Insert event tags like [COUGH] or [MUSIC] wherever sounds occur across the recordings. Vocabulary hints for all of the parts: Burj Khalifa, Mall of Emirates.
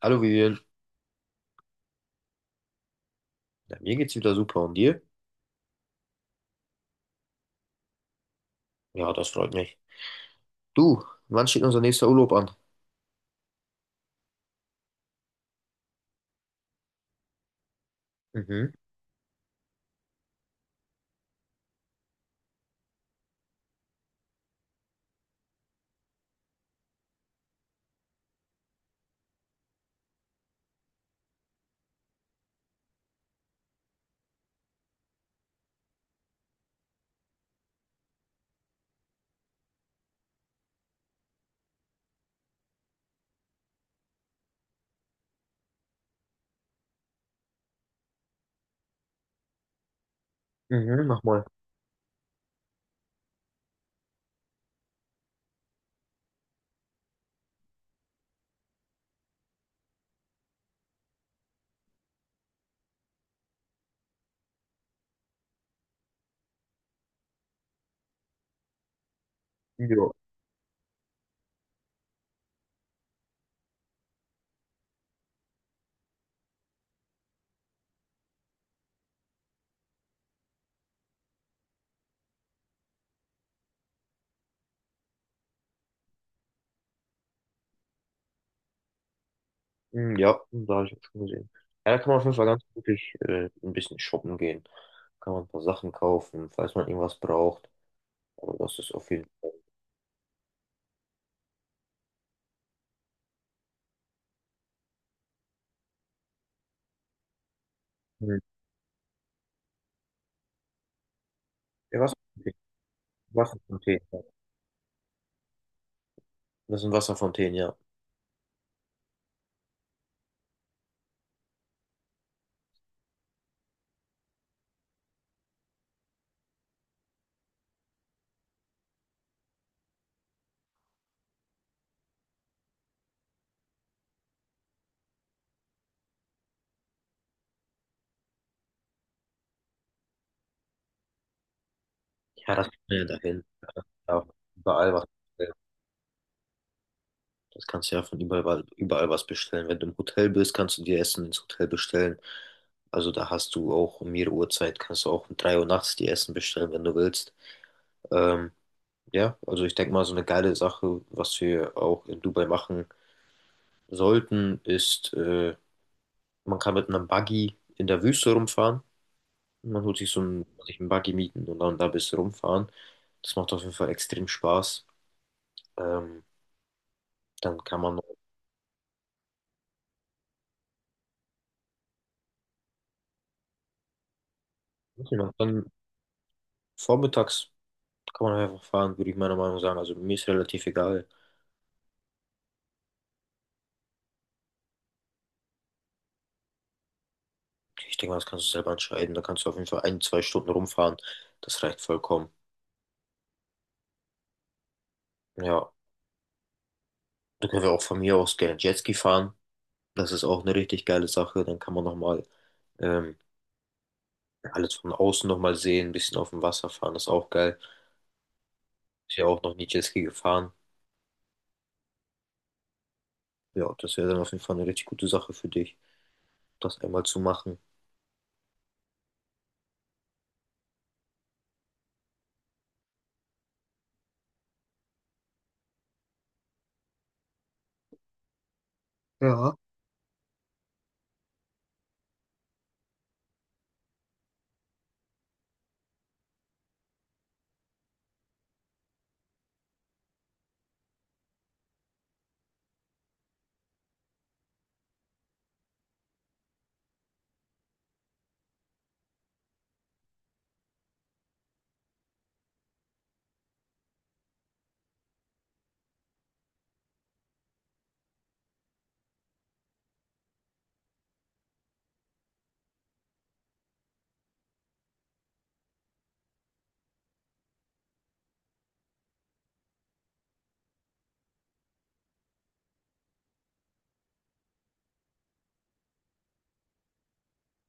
Hallo Vivian, ja, mir geht's wieder super und dir? Ja, das freut mich. Du, wann steht unser nächster Urlaub an? Mhm, mhm, mach mal. Ja. Hm, ja, da habe ich auch schon gesehen. Ja, da kann man auf jeden Fall ganz wirklich ein bisschen shoppen gehen. Kann man ein paar Sachen kaufen, falls man irgendwas braucht. Aber das ist auf jeden Fall. Hm. Ja, Wasserfontänen. Das sind Wasserfontänen, ja. Ja, das kriegt man ja dahin. Ja, überall was. Das kannst du ja von überall, überall was bestellen. Wenn du im Hotel bist, kannst du dir Essen ins Hotel bestellen. Also da hast du auch um jede Uhrzeit, kannst du auch um 3 Uhr nachts dir Essen bestellen, wenn du willst. Ähm, ja, also ich denke mal, so eine geile Sache, was wir auch in Dubai machen sollten, ist, man kann mit einem Buggy in der Wüste rumfahren. Man holt sich sich einen Buggy mieten und dann da ein bisschen rumfahren. Das macht auf jeden Fall extrem Spaß. Ähm, dann kann man, dann vormittags. Kann man einfach fahren, würde ich meiner Meinung sagen. Also mir ist relativ egal. Ich denke mal, das kannst du selber entscheiden. Da kannst du auf jeden Fall ein, zwei Stunden rumfahren. Das reicht vollkommen. Ja, da können wir auch von mir aus gerne Jetski fahren. Das ist auch eine richtig geile Sache. Dann kann man nochmal ähm, alles von außen nochmal sehen, ein bisschen auf dem Wasser fahren. Das ist auch geil. Ist ja auch noch nie Jetski gefahren. Ja, das wäre dann auf jeden Fall eine richtig gute Sache für dich, das einmal zu machen.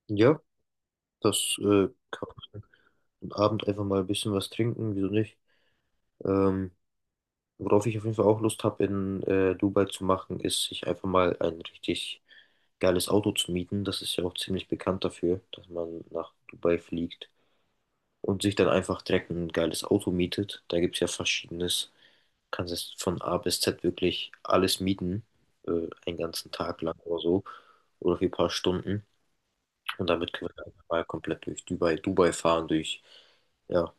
Ja, das kann man am Abend einfach mal ein bisschen was trinken, wieso nicht? Ähm, Worauf ich auf jeden Fall auch Lust habe, in Dubai zu machen, ist, sich einfach mal ein richtig geiles Auto zu mieten. Das ist ja auch ziemlich bekannt dafür, dass man nach Dubai fliegt und sich dann einfach direkt ein geiles Auto mietet. Da gibt es ja verschiedenes. Kannst es von A bis Z wirklich alles mieten, einen ganzen Tag lang oder so, oder für ein paar Stunden. Und damit können wir einfach mal komplett durch Dubai fahren, durch, ja,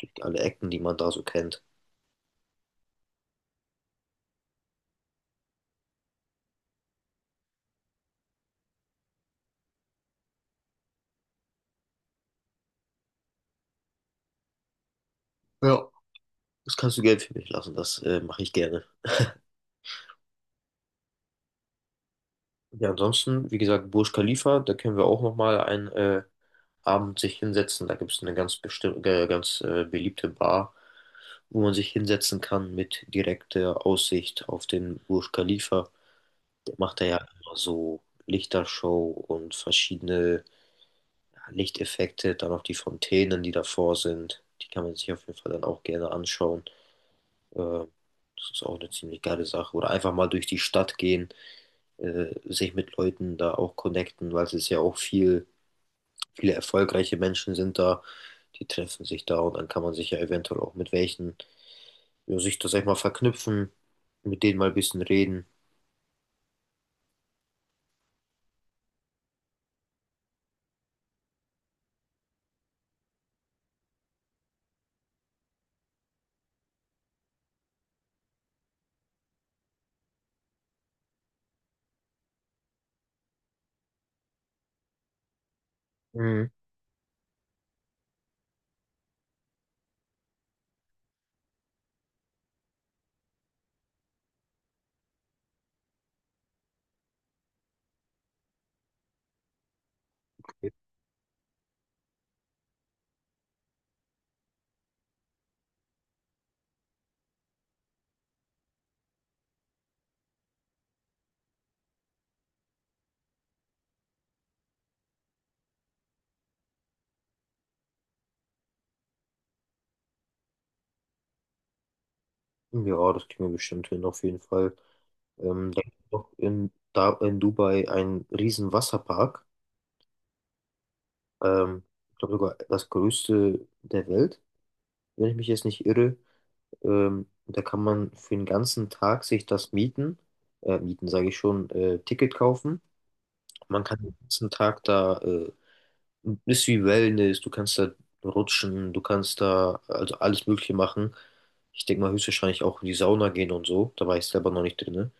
durch alle Ecken, die man da so kennt. Ja. Das kannst du Geld für mich lassen, das mache ich gerne. Ja, ansonsten, wie gesagt, Burj Khalifa, da können wir auch nochmal einen Abend sich hinsetzen. Da gibt es eine ganz bestimmte, ganz beliebte Bar, wo man sich hinsetzen kann mit direkter Aussicht auf den Burj Khalifa. Der macht da ja immer so Lichtershow und verschiedene, ja, Lichteffekte, dann auch die Fontänen, die davor sind. Die kann man sich auf jeden Fall dann auch gerne anschauen. Äh, das ist auch eine ziemlich geile Sache. Oder einfach mal durch die Stadt gehen, sich mit Leuten da auch connecten, weil es ist ja auch viel, viele erfolgreiche Menschen sind da, die treffen sich da und dann kann man sich ja eventuell auch mit welchen, ja, sich das sag ich mal, verknüpfen, mit denen mal ein bisschen reden. Mhm. Ja, das kriegen wir bestimmt hin, auf jeden Fall. Da gibt es noch in, da in Dubai einen riesen Wasserpark. Ähm, ich glaube sogar das größte der Welt, wenn ich mich jetzt nicht irre. Da kann man für den ganzen Tag sich das mieten, Ticket kaufen. Man kann den ganzen Tag da, ist wie Wellness, du kannst da rutschen, du kannst da also alles Mögliche machen. Ich denke mal höchstwahrscheinlich auch in die Sauna gehen und so, da war ich selber noch nicht drin.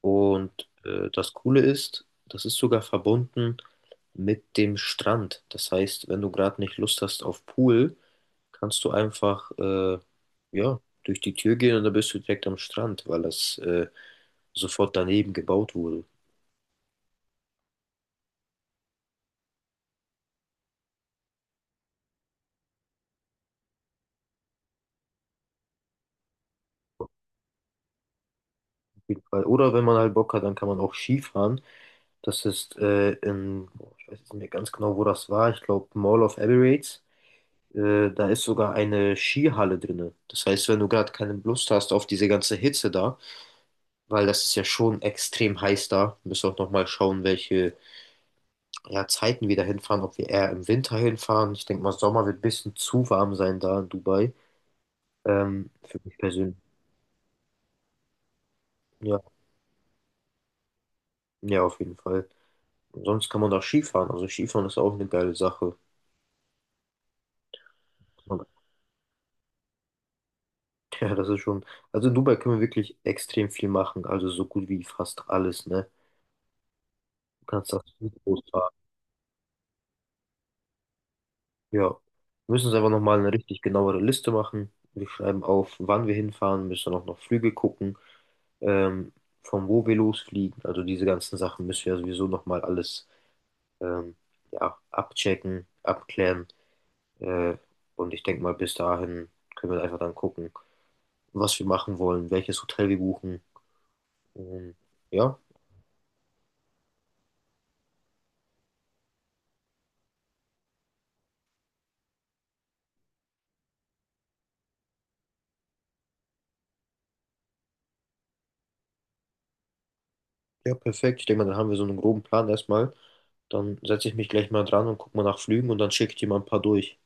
Und das Coole ist, das ist sogar verbunden mit dem Strand. Das heißt, wenn du gerade nicht Lust hast auf Pool, kannst du einfach ja, durch die Tür gehen und dann bist du direkt am Strand, weil das sofort daneben gebaut wurde. Auf jeden Fall. Oder wenn man halt Bock hat, dann kann man auch Skifahren. Das ist boah, ich weiß jetzt nicht mehr ganz genau, wo das war. Ich glaube, Mall of Emirates. Da ist sogar eine Skihalle drin. Das heißt, wenn du gerade keine Lust hast auf diese ganze Hitze da, weil das ist ja schon extrem heiß da. Wir müssen auch nochmal schauen, welche, ja, Zeiten wir da hinfahren, ob wir eher im Winter hinfahren. Ich denke mal, Sommer wird ein bisschen zu warm sein da in Dubai. Für mich persönlich. Ja, ja, auf jeden Fall. Und sonst kann man auch Skifahren. Also Skifahren ist auch eine geile Sache. [LAUGHS] Und, ja, das ist schon. Also in Dubai können wir wirklich extrem viel machen. Also so gut wie fast alles, ne? Du kannst das gut groß. Ja. Wir müssen uns einfach nochmal eine richtig genauere Liste machen. Wir schreiben auf, wann wir hinfahren, müssen auch noch Flüge gucken, ähm, von wo wir losfliegen. Also diese ganzen Sachen müssen wir sowieso nochmal alles, ähm, ja, abchecken, abklären. Äh, und ich denke mal, bis dahin können wir einfach dann gucken, was wir machen wollen, welches Hotel wir buchen. Ähm, ja, ja, perfekt. Ich denke mal, dann haben wir so einen groben Plan erstmal. Dann setze ich mich gleich mal dran und gucke mal nach Flügen und dann schicke ich dir mal ein paar durch.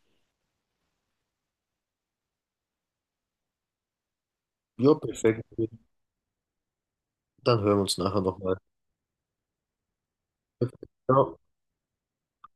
Ja, perfekt. Dann hören wir uns nachher nochmal. Ciao.